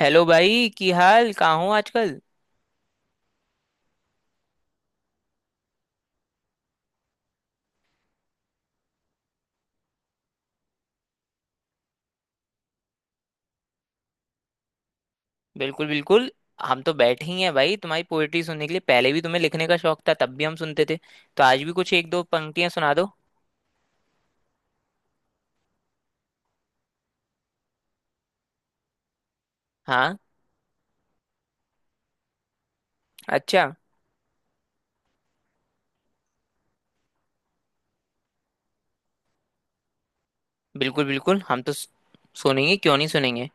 Hello भाई की हाल कहाँ हो आजकल। बिल्कुल बिल्कुल। हम तो बैठे ही हैं भाई तुम्हारी पोएट्री सुनने के लिए। पहले भी तुम्हें लिखने का शौक था, तब भी हम सुनते थे, तो आज भी कुछ एक दो पंक्तियां सुना दो। हाँ। अच्छा। बिल्कुल बिल्कुल। सुनेंगे क्यों नहीं सुनेंगे।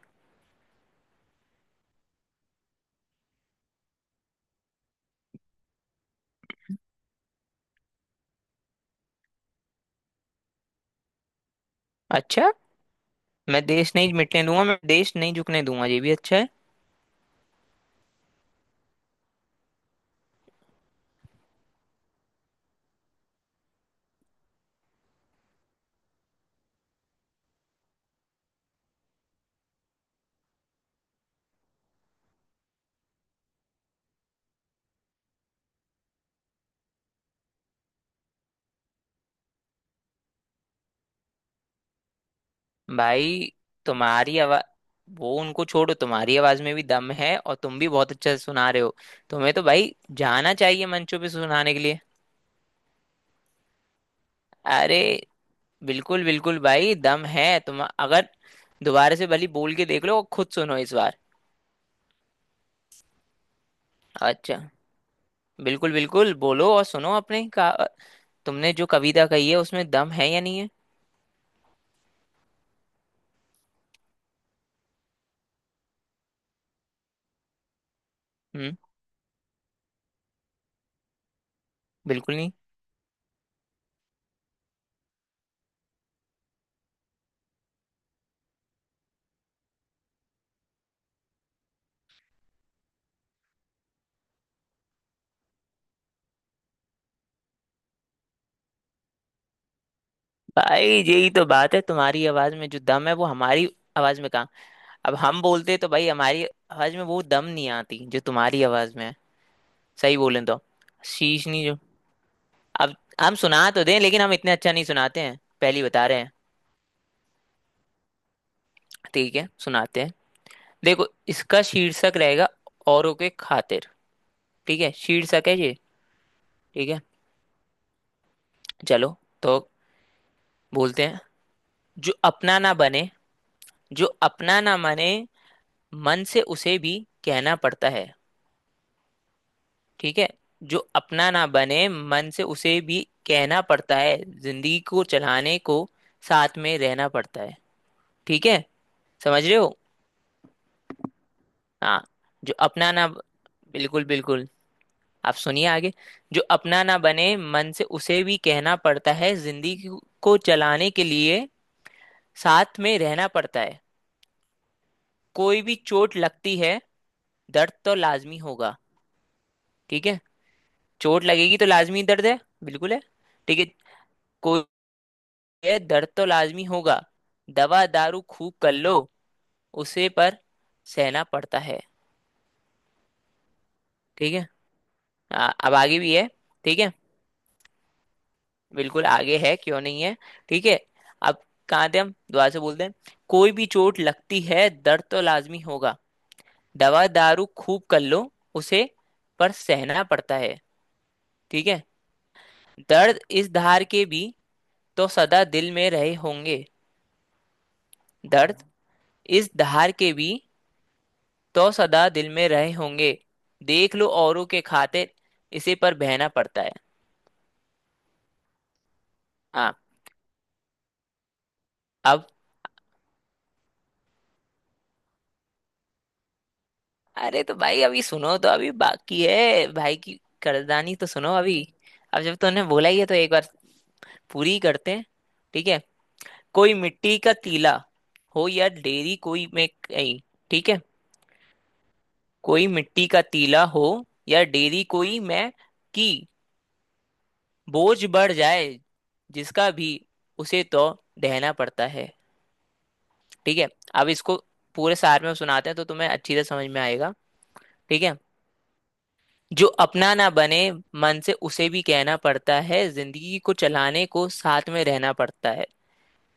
अच्छा। मैं देश नहीं मिटने दूंगा, मैं देश नहीं झुकने दूंगा, ये भी अच्छा है। भाई तुम्हारी आवाज, वो उनको छोड़ो, तुम्हारी आवाज में भी दम है और तुम भी बहुत अच्छा सुना रहे हो। तुम्हें तो भाई जाना चाहिए मंचों पे सुनाने के लिए। अरे बिल्कुल बिल्कुल भाई, दम है तुम अगर दोबारा से भली बोल के देख लो और खुद सुनो इस बार। अच्छा। बिल्कुल बिल्कुल, बोलो और सुनो अपने का। तुमने जो कविता कही है उसमें दम है या नहीं है। हम्म। बिल्कुल नहीं। भाई यही तो बात है, तुम्हारी आवाज में जो दम है वो हमारी आवाज में कहाँ। अब हम बोलते तो भाई हमारी आवाज में वो दम नहीं आती जो तुम्हारी आवाज में है। सही बोलें तो शीश नहीं जो। अब हम सुना तो दें लेकिन हम इतने अच्छा नहीं सुनाते हैं, पहली बता रहे हैं। ठीक है सुनाते हैं। देखो इसका शीर्षक रहेगा औरों के खातिर। ठीक है शीर्षक है ये। ठीक है, चलो, तो बोलते हैं। जो अपना ना बने, जो अपना ना माने, मन से उसे भी कहना पड़ता है। ठीक है। जो अपना ना बने मन से उसे भी कहना पड़ता है, जिंदगी को चलाने को साथ में रहना पड़ता है। ठीक है। समझ रहे हो। हाँ। जो अपना ना, बिल्कुल बिल्कुल, आप सुनिए आगे। जो अपना ना बने मन से उसे भी कहना पड़ता है जिंदगी को चलाने के लिए साथ में रहना पड़ता है। कोई भी चोट लगती है, दर्द तो लाजमी होगा। ठीक है, चोट लगेगी तो लाजमी दर्द है। बिल्कुल है। ठीक है। कोई है, दर्द तो लाजमी होगा, दवा दारू खूब कर लो, उसे पर सहना पड़ता है। ठीक है। अब आगे भी है। ठीक है, बिल्कुल आगे है, क्यों नहीं है। ठीक है। अब कहाँ थे हम, दोबारा से बोलते हैं। कोई भी चोट लगती है दर्द तो लाजमी होगा, दवा दारू खूब कर लो उसे पर सहना पड़ता है। ठीक है। दर्द इस धार के भी तो सदा दिल में रहे होंगे। दर्द इस धार के भी तो सदा दिल में रहे होंगे, देख लो औरों के खातिर इसे पर बहना पड़ता है। हाँ, अब अरे तो भाई अभी सुनो, तो अभी बाकी है भाई की कड़दानी, तो सुनो अभी। अब जब तुमने बोला ही है तो एक बार पूरी ही करते हैं। ठीक है। कोई मिट्टी का तीला हो या डेरी कोई मैं कहीं। ठीक है। कोई मिट्टी का तीला हो या डेरी कोई मैं की, बोझ बढ़ जाए जिसका भी, उसे तो ढहना पड़ता है। ठीक है। अब इसको पूरे सार में सुनाते हैं तो तुम्हें अच्छी तरह समझ में आएगा। ठीक है। जो अपना ना बने मन से उसे भी कहना पड़ता है जिंदगी को चलाने को साथ में रहना पड़ता है।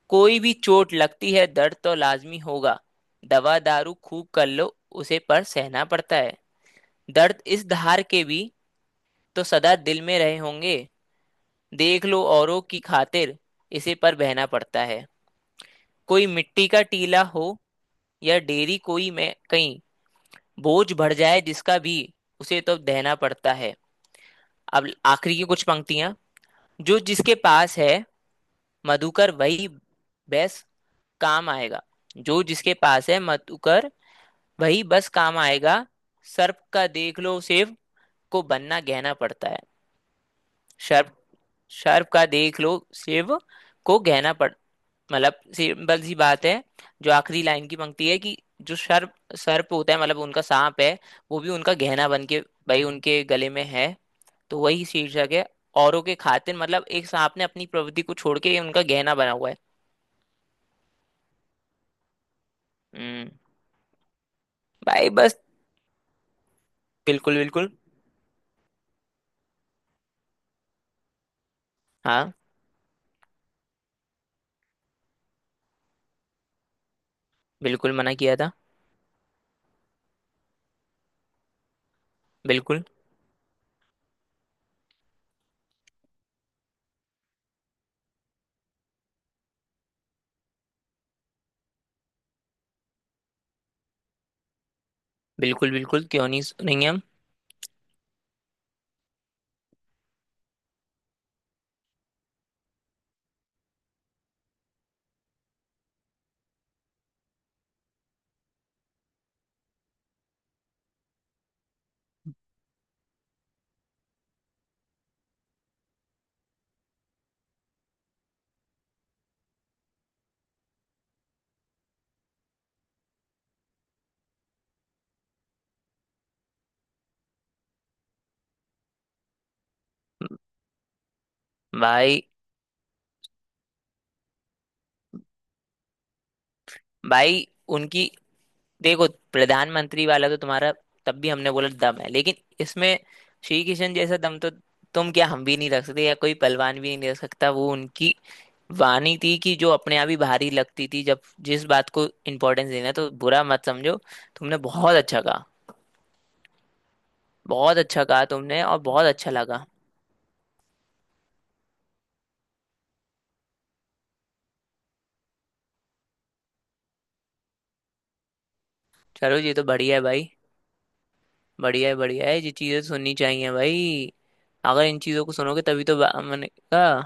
कोई भी चोट लगती है दर्द तो लाजमी होगा, दवा दारू खूब कर लो उसे पर सहना पड़ता है। दर्द इस धार के भी तो सदा दिल में रहे होंगे, देख लो औरों की खातिर इसे पर बहना पड़ता है। कोई मिट्टी का टीला हो या डेरी कोई में कहीं, बोझ बढ़ जाए जिसका भी उसे तो दहना पड़ता है। अब आखिरी की कुछ पंक्तियां। जो जिसके पास है मधुकर वही बेस काम आएगा। जो जिसके पास है मधुकर वही बस काम आएगा, सर्प का देख लो शिव को बनना गहना पड़ता है। सर्प, सर्प का देख लो शिव को गहना पड़। मतलब सिंपल सी बात है, जो आखिरी लाइन की पंक्ति है कि जो सर्प सर्प होता है, मतलब उनका सांप है, वो भी उनका गहना बन के भाई उनके गले में है, तो वही शीर्षक है, औरों के खातिर, मतलब एक सांप ने अपनी प्रवृत्ति को छोड़ के उनका गहना बना हुआ है। हम्म। भाई बस। बिल्कुल बिल्कुल। हाँ बिल्कुल मना किया था। बिल्कुल। बिल्कुल बिल्कुल क्यों नहीं सुनेंगे हम। भाई। भाई उनकी, देखो, प्रधानमंत्री वाला तो तुम्हारा तब भी हमने बोला दम है, लेकिन इसमें श्री किशन जैसा दम तो तुम क्या हम भी नहीं रख सकते या कोई पहलवान भी नहीं रख सकता। वो उनकी वाणी थी कि जो अपने आप ही भारी लगती थी जब जिस बात को इम्पोर्टेंस देना है, तो बुरा मत समझो, तुमने बहुत अच्छा कहा। बहुत अच्छा कहा तुमने और बहुत अच्छा लगा। चलो ये तो बढ़िया है भाई। बढ़िया है बढ़िया है, ये चीजें सुननी चाहिए भाई। अगर इन चीजों को सुनोगे तभी तो मैंने कहा।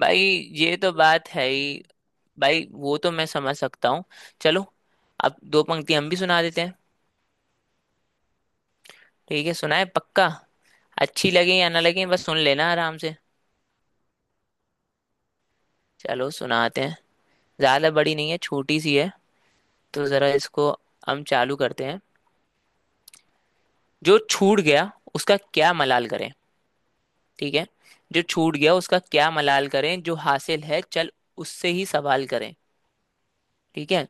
भाई ये तो बात है ही। भाई वो तो मैं समझ सकता हूँ। चलो, अब दो पंक्ति हम भी सुना देते हैं। ठीक है सुनाए पक्का। अच्छी लगे या ना लगे बस सुन लेना आराम से। चलो सुनाते हैं, ज्यादा बड़ी नहीं है, छोटी सी है। तो जरा इसको हम चालू करते हैं। जो छूट गया उसका क्या मलाल करें। ठीक है। जो छूट गया उसका क्या मलाल करें, जो हासिल है चल उससे ही सवाल करें। ठीक है।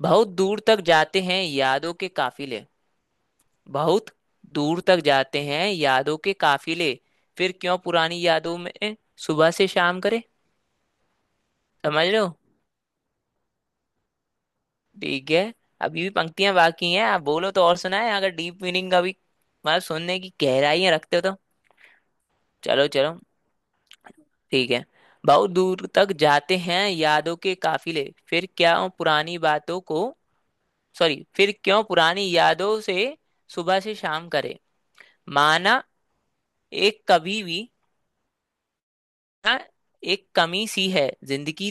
बहुत दूर तक जाते हैं यादों के काफिले, बहुत दूर तक जाते हैं यादों के काफिले, फिर क्यों पुरानी यादों में सुबह से शाम करे। समझ लो। ठीक है। अभी भी पंक्तियां बाकी हैं, आप बोलो तो और सुनाए, अगर डीप मीनिंग का भी मतलब सुनने की गहराइयां रखते हो तो। चलो चलो। ठीक है। बहुत दूर तक जाते हैं यादों के काफिले, फिर क्या पुरानी बातों को, सॉरी, फिर क्यों पुरानी यादों से सुबह से शाम करे, माना एक कभी भी ना, एक कमी सी है जिंदगी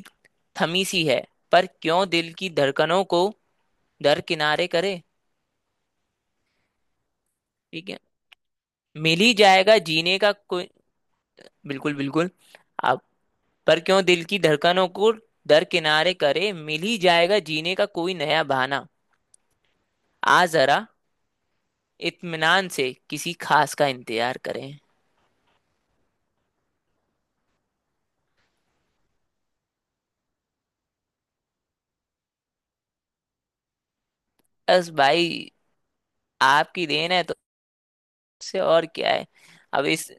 थमी सी है, पर क्यों दिल की धड़कनों को दरकिनारे करे। ठीक है। मिल ही जाएगा जीने का कोई, बिल्कुल बिल्कुल आप, पर क्यों दिल की धड़कनों को दरकिनारे करे, मिल ही जाएगा जीने का कोई नया बहाना, आ जरा इत्मीनान से किसी खास का इंतजार करें। बस भाई, आपकी देन है, तो उससे और क्या है। अब इस,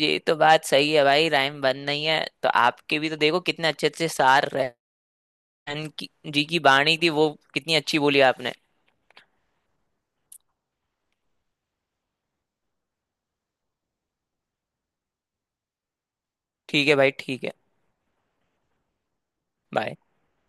ये तो बात सही है भाई, राइम बन नहीं है तो आपके भी तो देखो कितने अच्छे अच्छे सार रहन की जी की बाणी थी, वो कितनी अच्छी बोली आपने। ठीक है भाई ठीक है। बाय।